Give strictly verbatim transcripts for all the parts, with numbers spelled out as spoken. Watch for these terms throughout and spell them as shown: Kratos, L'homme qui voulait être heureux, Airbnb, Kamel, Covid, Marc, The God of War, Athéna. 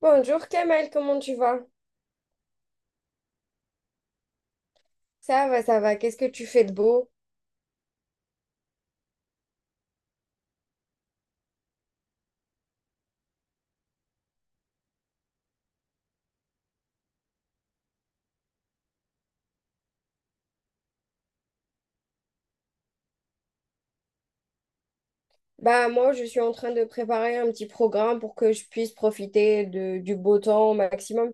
Bonjour Kamel, comment tu vas? Ça va, ça va. Qu'est-ce que tu fais de beau? Bah moi, je suis en train de préparer un petit programme pour que je puisse profiter de- du beau temps au maximum.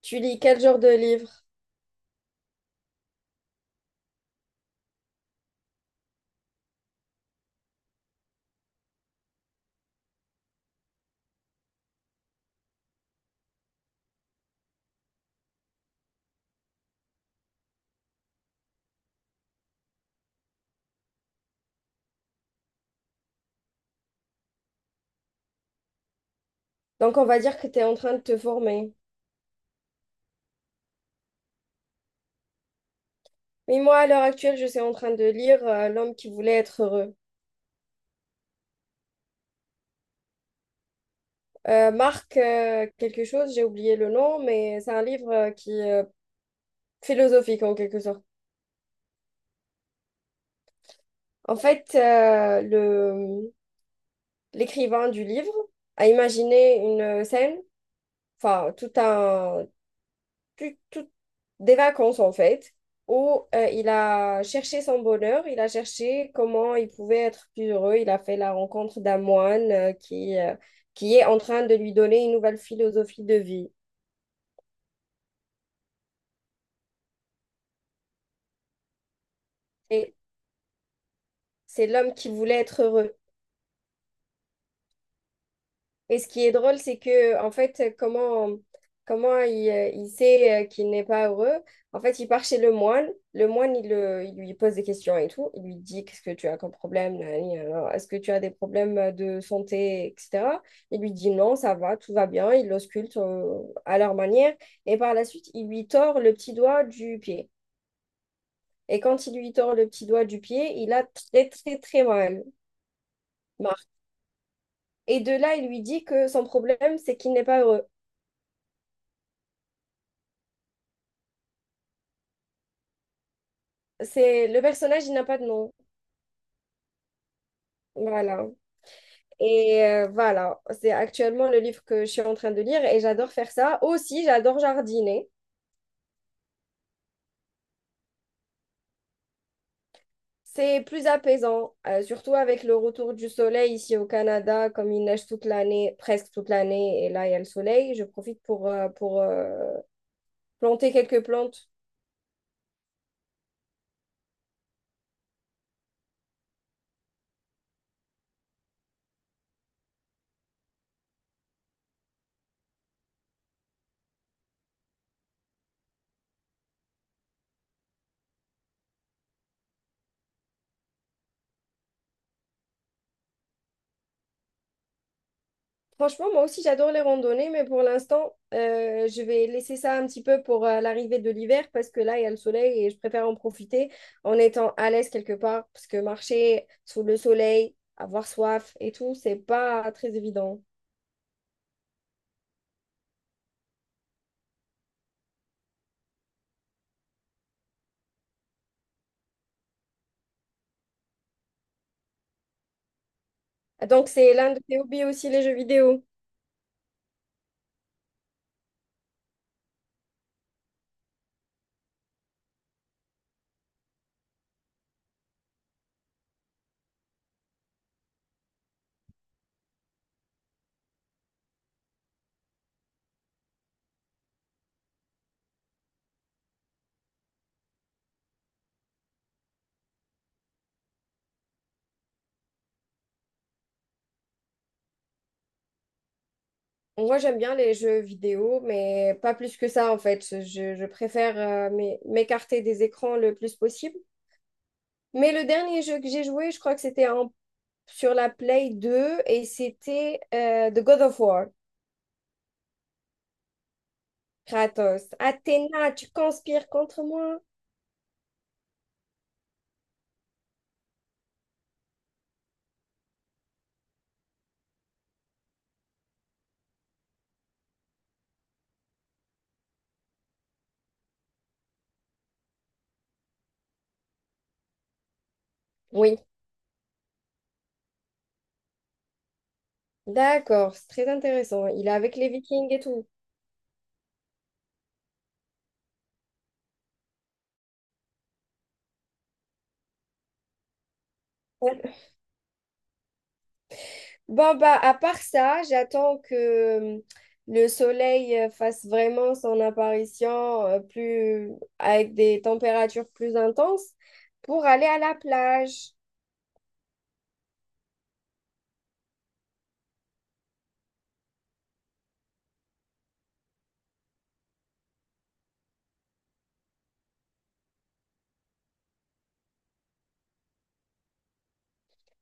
Tu lis quel genre de livre? Donc on va dire que tu es en train de te former. Mais moi, à l'heure actuelle, je suis en train de lire euh, L'homme qui voulait être heureux. Euh, Marc, euh, quelque chose, j'ai oublié le nom, mais c'est un livre euh, qui est euh, philosophique en quelque sorte. En fait, euh, le, l'écrivain du livre a imaginé une euh, scène enfin, tout un, tout- tout- des vacances en fait, où euh, il a cherché son bonheur, il a cherché comment il pouvait être plus heureux. Il a fait la rencontre d'un moine euh, qui, euh, qui est en train de lui donner une nouvelle philosophie de vie. Et c'est l'homme qui voulait être heureux. Et ce qui est drôle, c'est que, en fait, comment, comment il, euh, il sait euh, qu'il n'est pas heureux? En fait, il part chez le moine. Le moine, il, le- il lui pose des questions et tout. Il lui dit, qu'est-ce que tu as comme problème? Nanani, nanana, est-ce que tu as des problèmes de santé, et cætera. Il lui dit, non, ça va, tout va bien. Il l'ausculte euh, à leur manière. Et par la suite, il lui tord le petit doigt du pied. Et quand il lui tord le petit doigt du pied, il a très, très, très mal. Marc. Et de là, il lui dit que son problème, c'est qu'il n'est pas heureux. C'est le personnage, il n'a pas de nom. Voilà. Et euh, voilà, c'est actuellement le livre que je suis en train de lire et j'adore faire ça. Aussi, j'adore jardiner. C'est plus apaisant, euh, surtout avec le retour du soleil ici au Canada, comme il neige toute l'année, presque toute l'année, et là il y a le soleil. Je profite pour, euh, pour euh, planter quelques plantes. Franchement, moi aussi, j'adore les randonnées, mais pour l'instant, euh, je vais laisser ça un petit peu pour euh, l'arrivée de l'hiver parce que là, il y a le soleil et je préfère en profiter en étant à l'aise quelque part parce que marcher sous le soleil, avoir soif et tout, c'est pas très évident. Donc, c'est l'un de tes hobbies aussi, les jeux vidéo. Moi, j'aime bien les jeux vidéo, mais pas plus que ça en fait. Je, je préfère euh, m'é- m'écarter des écrans le plus possible. Mais le dernier jeu que j'ai joué, je crois que c'était un sur la Play deux et c'était euh, The God of War. Kratos, Athéna, tu conspires contre moi? Oui, d'accord, c'est très intéressant. Il est avec les Vikings et tout. Ouais. Bon, bah, à part ça, j'attends que euh, le soleil euh, fasse vraiment son apparition euh, plus, avec des températures plus intenses pour aller à la plage.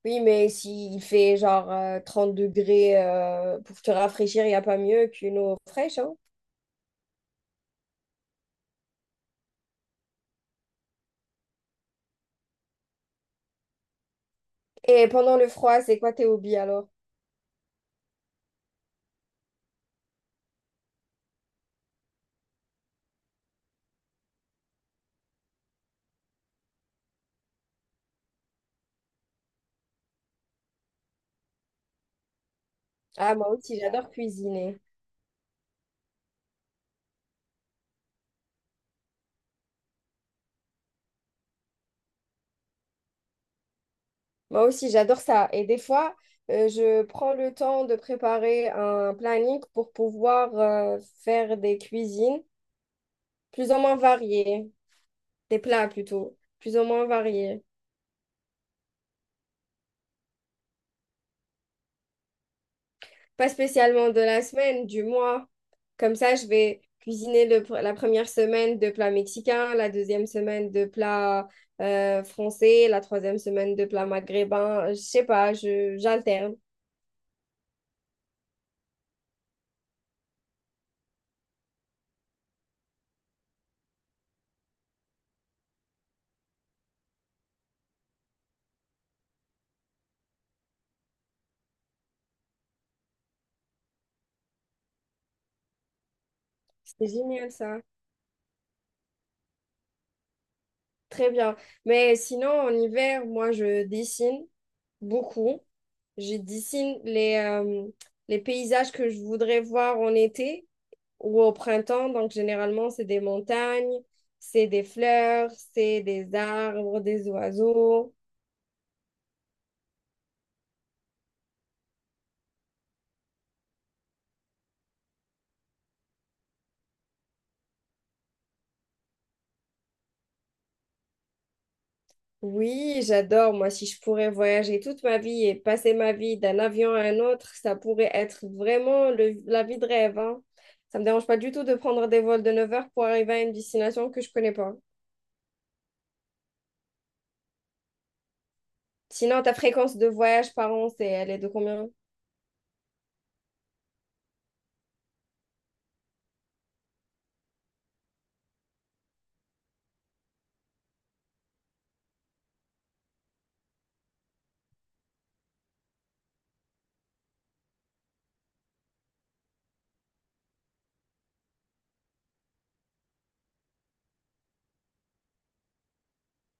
Oui, mais s'il fait genre euh, trente degrés euh, pour te rafraîchir, il n'y a pas mieux qu'une eau fraîche, hein. Et pendant le froid, c'est quoi tes hobbies alors? Ah, moi aussi, j'adore cuisiner. Moi aussi, j'adore ça. Et des fois, euh, je prends le temps de préparer un planning pour pouvoir euh, faire des cuisines plus ou moins variées, des plats plutôt, plus ou moins variés. Pas spécialement de la semaine, du mois. Comme ça, je vais cuisiner le pr- la première semaine de plats mexicains, la deuxième semaine de plats euh, français, la troisième semaine de plats maghrébins. Je sais pas, je, j'alterne. C'est génial ça. Très bien. Mais sinon, en hiver, moi, je dessine beaucoup. Je dessine les, euh, les paysages que je voudrais voir en été ou au printemps. Donc, généralement, c'est des montagnes, c'est des fleurs, c'est des arbres, des oiseaux. Oui, j'adore. Moi, si je pourrais voyager toute ma vie et passer ma vie d'un avion à un autre, ça pourrait être vraiment le- la vie de rêve, hein. Ça me dérange pas du tout de prendre des vols de neuf heures pour arriver à une destination que je connais pas. Sinon, ta fréquence de voyage par an, c'est, elle est de combien?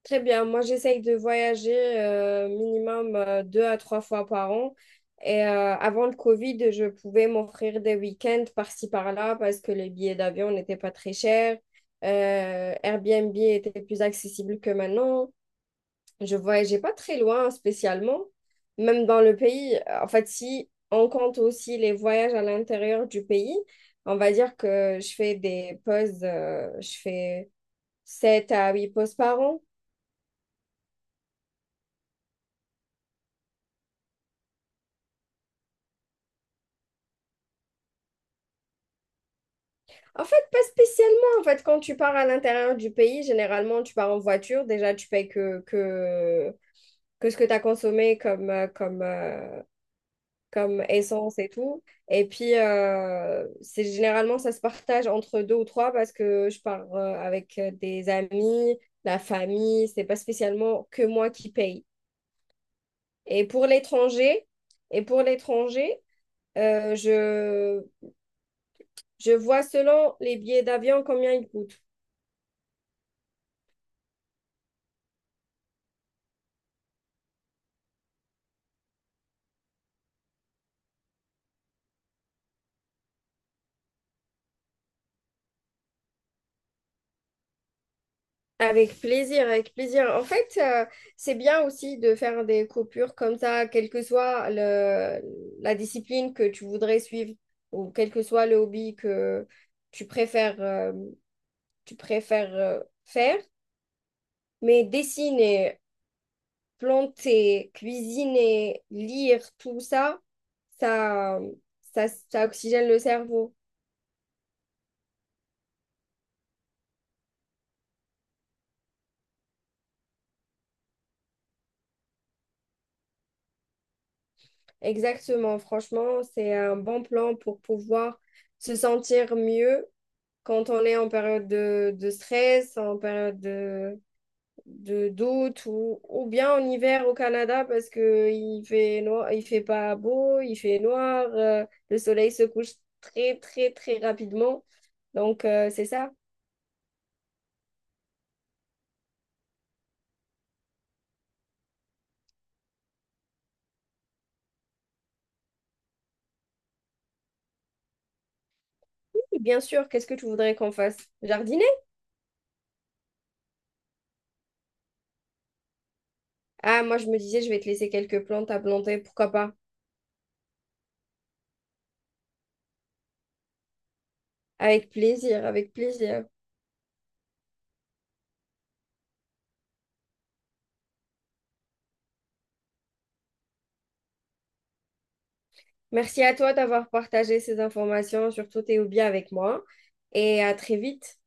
Très bien. Moi, j'essaye de voyager euh, minimum euh, deux à trois fois par an. Et euh, avant le Covid, je pouvais m'offrir des week-ends par-ci par-là parce que les billets d'avion n'étaient pas très chers. Euh, Airbnb était plus accessible que maintenant. Je voyageais pas très loin spécialement, même dans le pays. euh, En fait, si on compte aussi les voyages à l'intérieur du pays, on va dire que je fais des pauses, euh, je fais sept à huit pauses par an. En fait, pas spécialement. En fait, quand tu pars à l'intérieur du pays, généralement, tu pars en voiture. Déjà, tu payes que, que, que ce que tu as consommé comme, euh, comme, euh, comme essence et tout. Et puis, euh, c'est généralement, ça se partage entre deux ou trois parce que je pars euh, avec euh, des amis, la famille. C'est pas spécialement que moi qui paye. Et pour l'étranger, et pour l'étranger, euh, je, je vois selon les billets d'avion combien ils coûtent. Avec plaisir, avec plaisir. En fait, euh, c'est bien aussi de faire des coupures comme ça, quelle que soit le, la discipline que tu voudrais suivre ou quel que soit le hobby que tu préfères, euh, tu préfères euh, faire. Mais dessiner, planter, cuisiner, lire, tout ça, ça, ça, ça oxygène le cerveau. Exactement. Franchement, c'est un bon plan pour pouvoir se sentir mieux quand on est en période de, de stress, en période de, de doute ou, ou bien en hiver au Canada parce que il fait noir, il fait pas beau, il fait noir, euh, le soleil se couche très, très, très rapidement. Donc, euh, c'est ça. Oui, bien sûr, qu'est-ce que tu voudrais qu'on fasse? Jardiner? Ah, moi je me disais, je vais te laisser quelques plantes à planter, pourquoi pas? Avec plaisir, avec plaisir. Merci à toi d'avoir partagé ces informations, surtout tes hobbies avec moi, et à très vite.